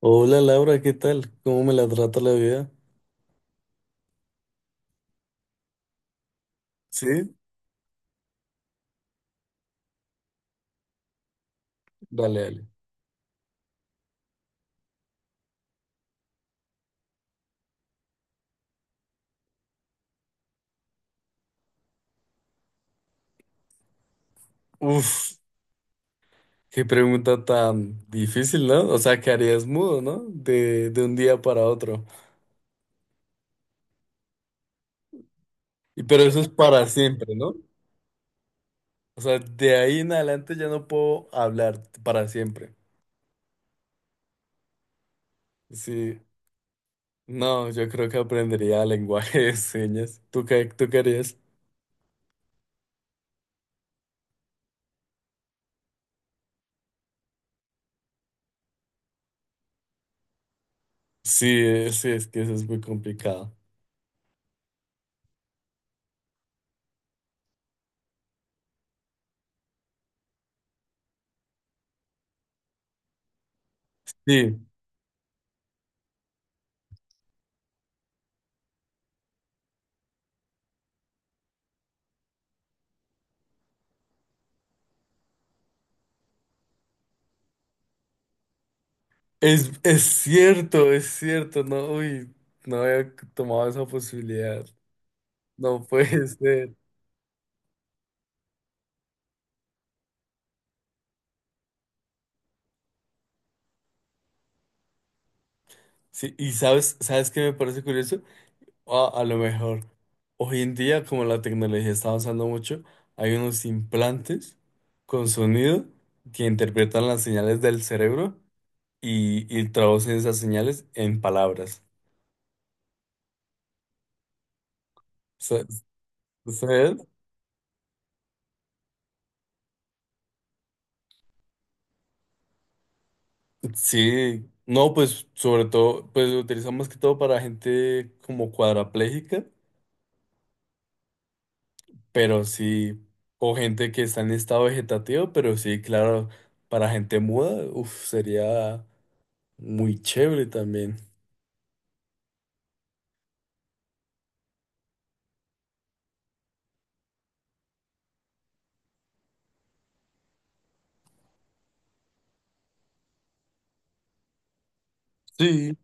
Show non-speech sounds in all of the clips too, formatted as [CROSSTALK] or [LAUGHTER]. Hola Laura, ¿qué tal? ¿Cómo me la trata la vida? Sí. Dale, dale. Uf, qué pregunta tan difícil, ¿no? O sea, ¿que harías mudo, ¿no? De un día para otro. Y pero eso es para siempre, ¿no? O sea, de ahí en adelante ya no puedo hablar para siempre. Sí. No, yo creo que aprendería lenguaje de señas. ¿Tú qué harías? Sí, sí, es que eso es muy complicado. Sí. Es cierto, es cierto, no, uy, no había tomado esa posibilidad. No puede [LAUGHS] ser. Sí, y sabes, ¿sabes qué me parece curioso? Ah, a lo mejor hoy en día, como la tecnología está avanzando mucho, hay unos implantes con sonido que interpretan las señales del cerebro y traducen esas señales en palabras. Sa- ¿Sabes? Sí, no, pues sobre todo, pues lo utilizamos más que todo para gente como cuadrapléjica, pero sí, o gente que está en estado vegetativo, pero sí, claro, para gente muda, uf, sería muy chévere también. Sí.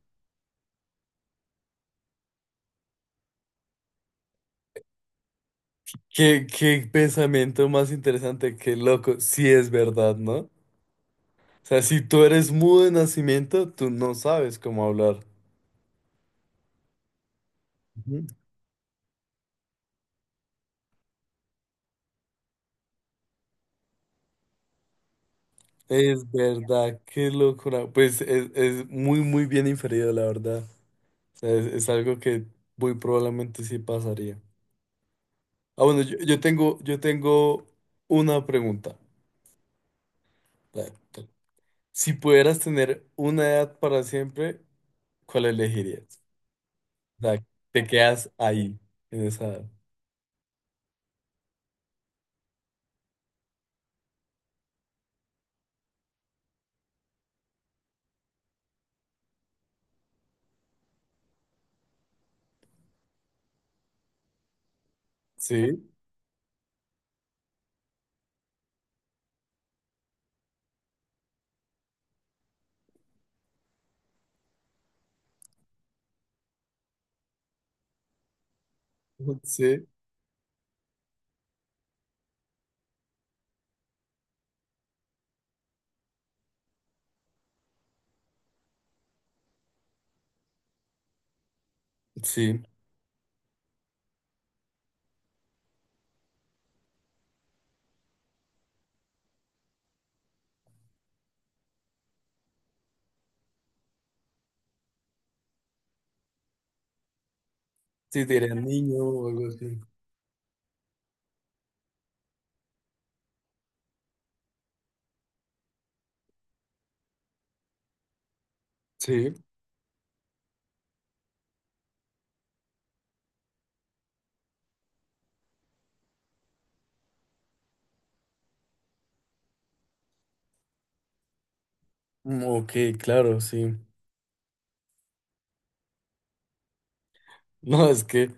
Qué pensamiento más interesante, qué loco, sí es verdad, ¿no? O sea, si tú eres mudo de nacimiento, tú no sabes cómo hablar. Ujú. Es verdad, qué locura. Pues es muy, muy bien inferido, la verdad. O sea, es algo que muy probablemente sí pasaría. Ah, bueno, yo tengo una pregunta. La- la- Si pudieras tener una edad para siempre, ¿cuál elegirías? O sea, te quedas ahí, en esa edad. Sí, [LAUGHS] sí, sí. Si te dirían niño o algo así. Sí, ok, claro, sí. No, es que,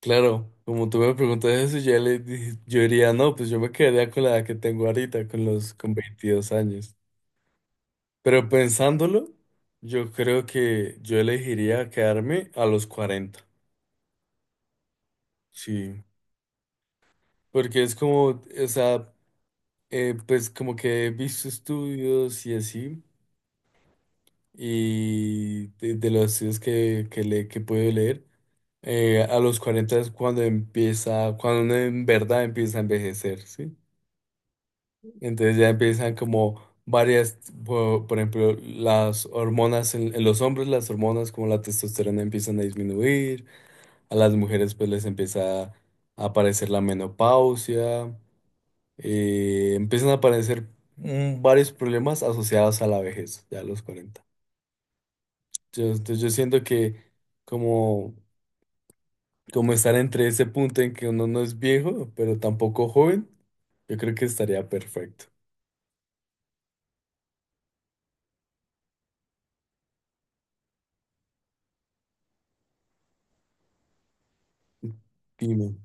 claro, como tú me preguntas eso, yo diría, no, pues yo me quedaría con la edad que tengo ahorita, con 22 años. Pero pensándolo, yo creo que yo elegiría quedarme a los cuarenta. Sí, porque es como, o sea, pues como que he visto estudios y así, y de los estudios que puedo leer, a los 40 es cuando empieza, cuando uno en verdad empieza a envejecer, ¿sí? Entonces ya empiezan como varias, por ejemplo, las hormonas en los hombres, las hormonas como la testosterona empiezan a disminuir, a las mujeres pues les empieza a aparecer la menopausia, empiezan a aparecer varios problemas asociados a la vejez, ya a los 40. Entonces yo siento que como, como estar entre ese punto en que uno no es viejo, pero tampoco joven, yo creo que estaría perfecto. Dime.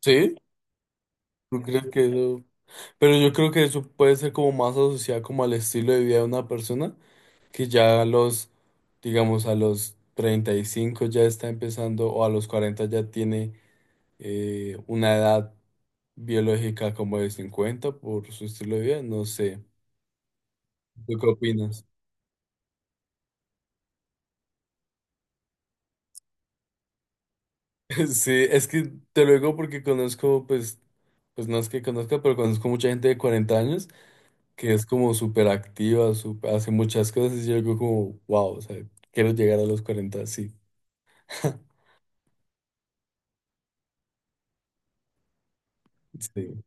¿Sí? ¿Tú crees que eso? Pero yo creo que eso puede ser como más asociado como al estilo de vida de una persona que ya digamos, a los 35 ya está empezando o a los 40 ya tiene una edad biológica como de 50 por su estilo de vida, no sé. ¿Tú qué opinas? [LAUGHS] Sí, es que te lo digo porque conozco, pues, pues no es que conozca, pero conozco mucha gente de 40 años que es como súper activa, hace muchas cosas y yo digo como, wow, o sea, quiero llegar a los 40 sí. [LAUGHS] Sí.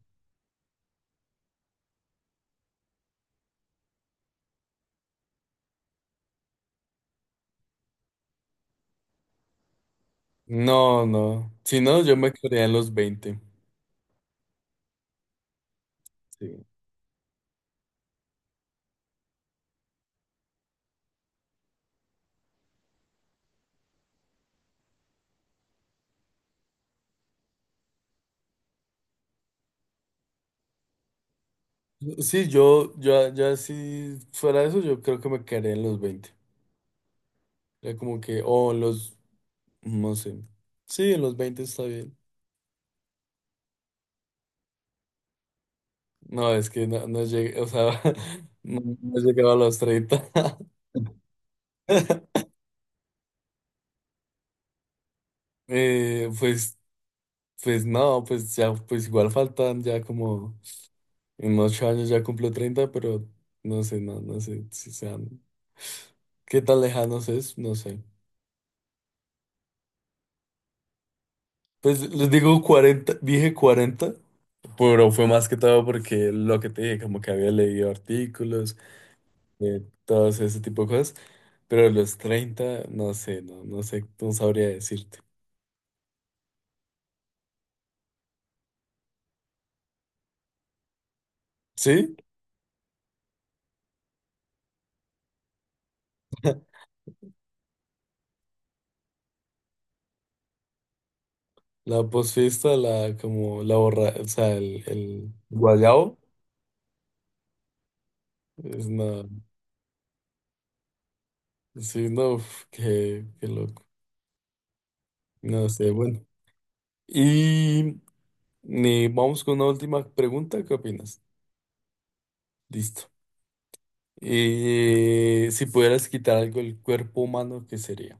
No, no. Si no, yo me quedaría en los veinte. Sí. Sí, ya si fuera eso, yo creo que me quedaría en los veinte. Ya como que, no sé. Sí, en los veinte está bien. No, es que no llegué, o sea, [LAUGHS] no he a los treinta. [LAUGHS] Pues, pues no, pues ya, pues igual faltan ya como, en 8 años ya cumplo treinta, pero no sé, no sé si sean, qué tan lejanos es, no sé. Pues les digo cuarenta, dije cuarenta. Pero fue más que todo porque lo que te dije, como que había leído artículos, todos ese tipo de cosas, pero los 30 no sé, no sé, no sabría decirte. ¿Sí? [LAUGHS] La posfiesta, la como la borra, o sea, el guayabo, es una, sí, no, uf, qué loco. No sé, bueno. Y vamos con una última pregunta, ¿qué opinas? Listo. Si pudieras quitar algo del cuerpo humano, ¿qué sería?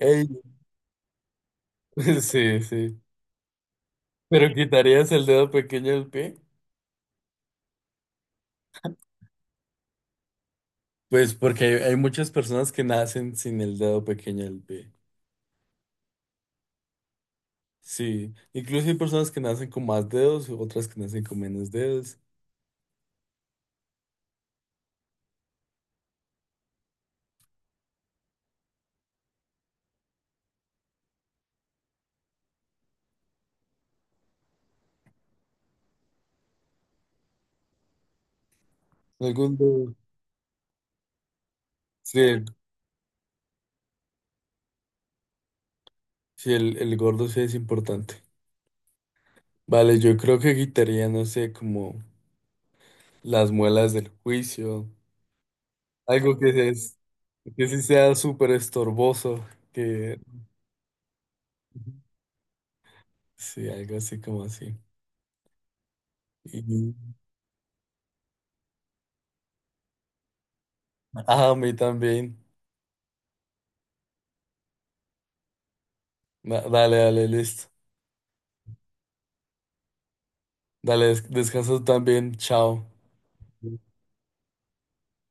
Ey, [LAUGHS] sí, sí. ¿Pero quitarías el dedo pequeño del pie? Pues porque hay muchas personas que nacen sin el dedo pequeño del pie. Sí. Incluso hay personas que nacen con más dedos, otras que nacen con menos dedos. Algún dedo. Sí, sí, el gordo sí es importante. Vale, yo creo que quitaría, no sé, como las muelas del juicio. Algo que, que sí sea súper estorboso. Que... Sí, algo así como así. Ah, a mí también. Dale, dale, listo. Dale, descansa tú también. Chao.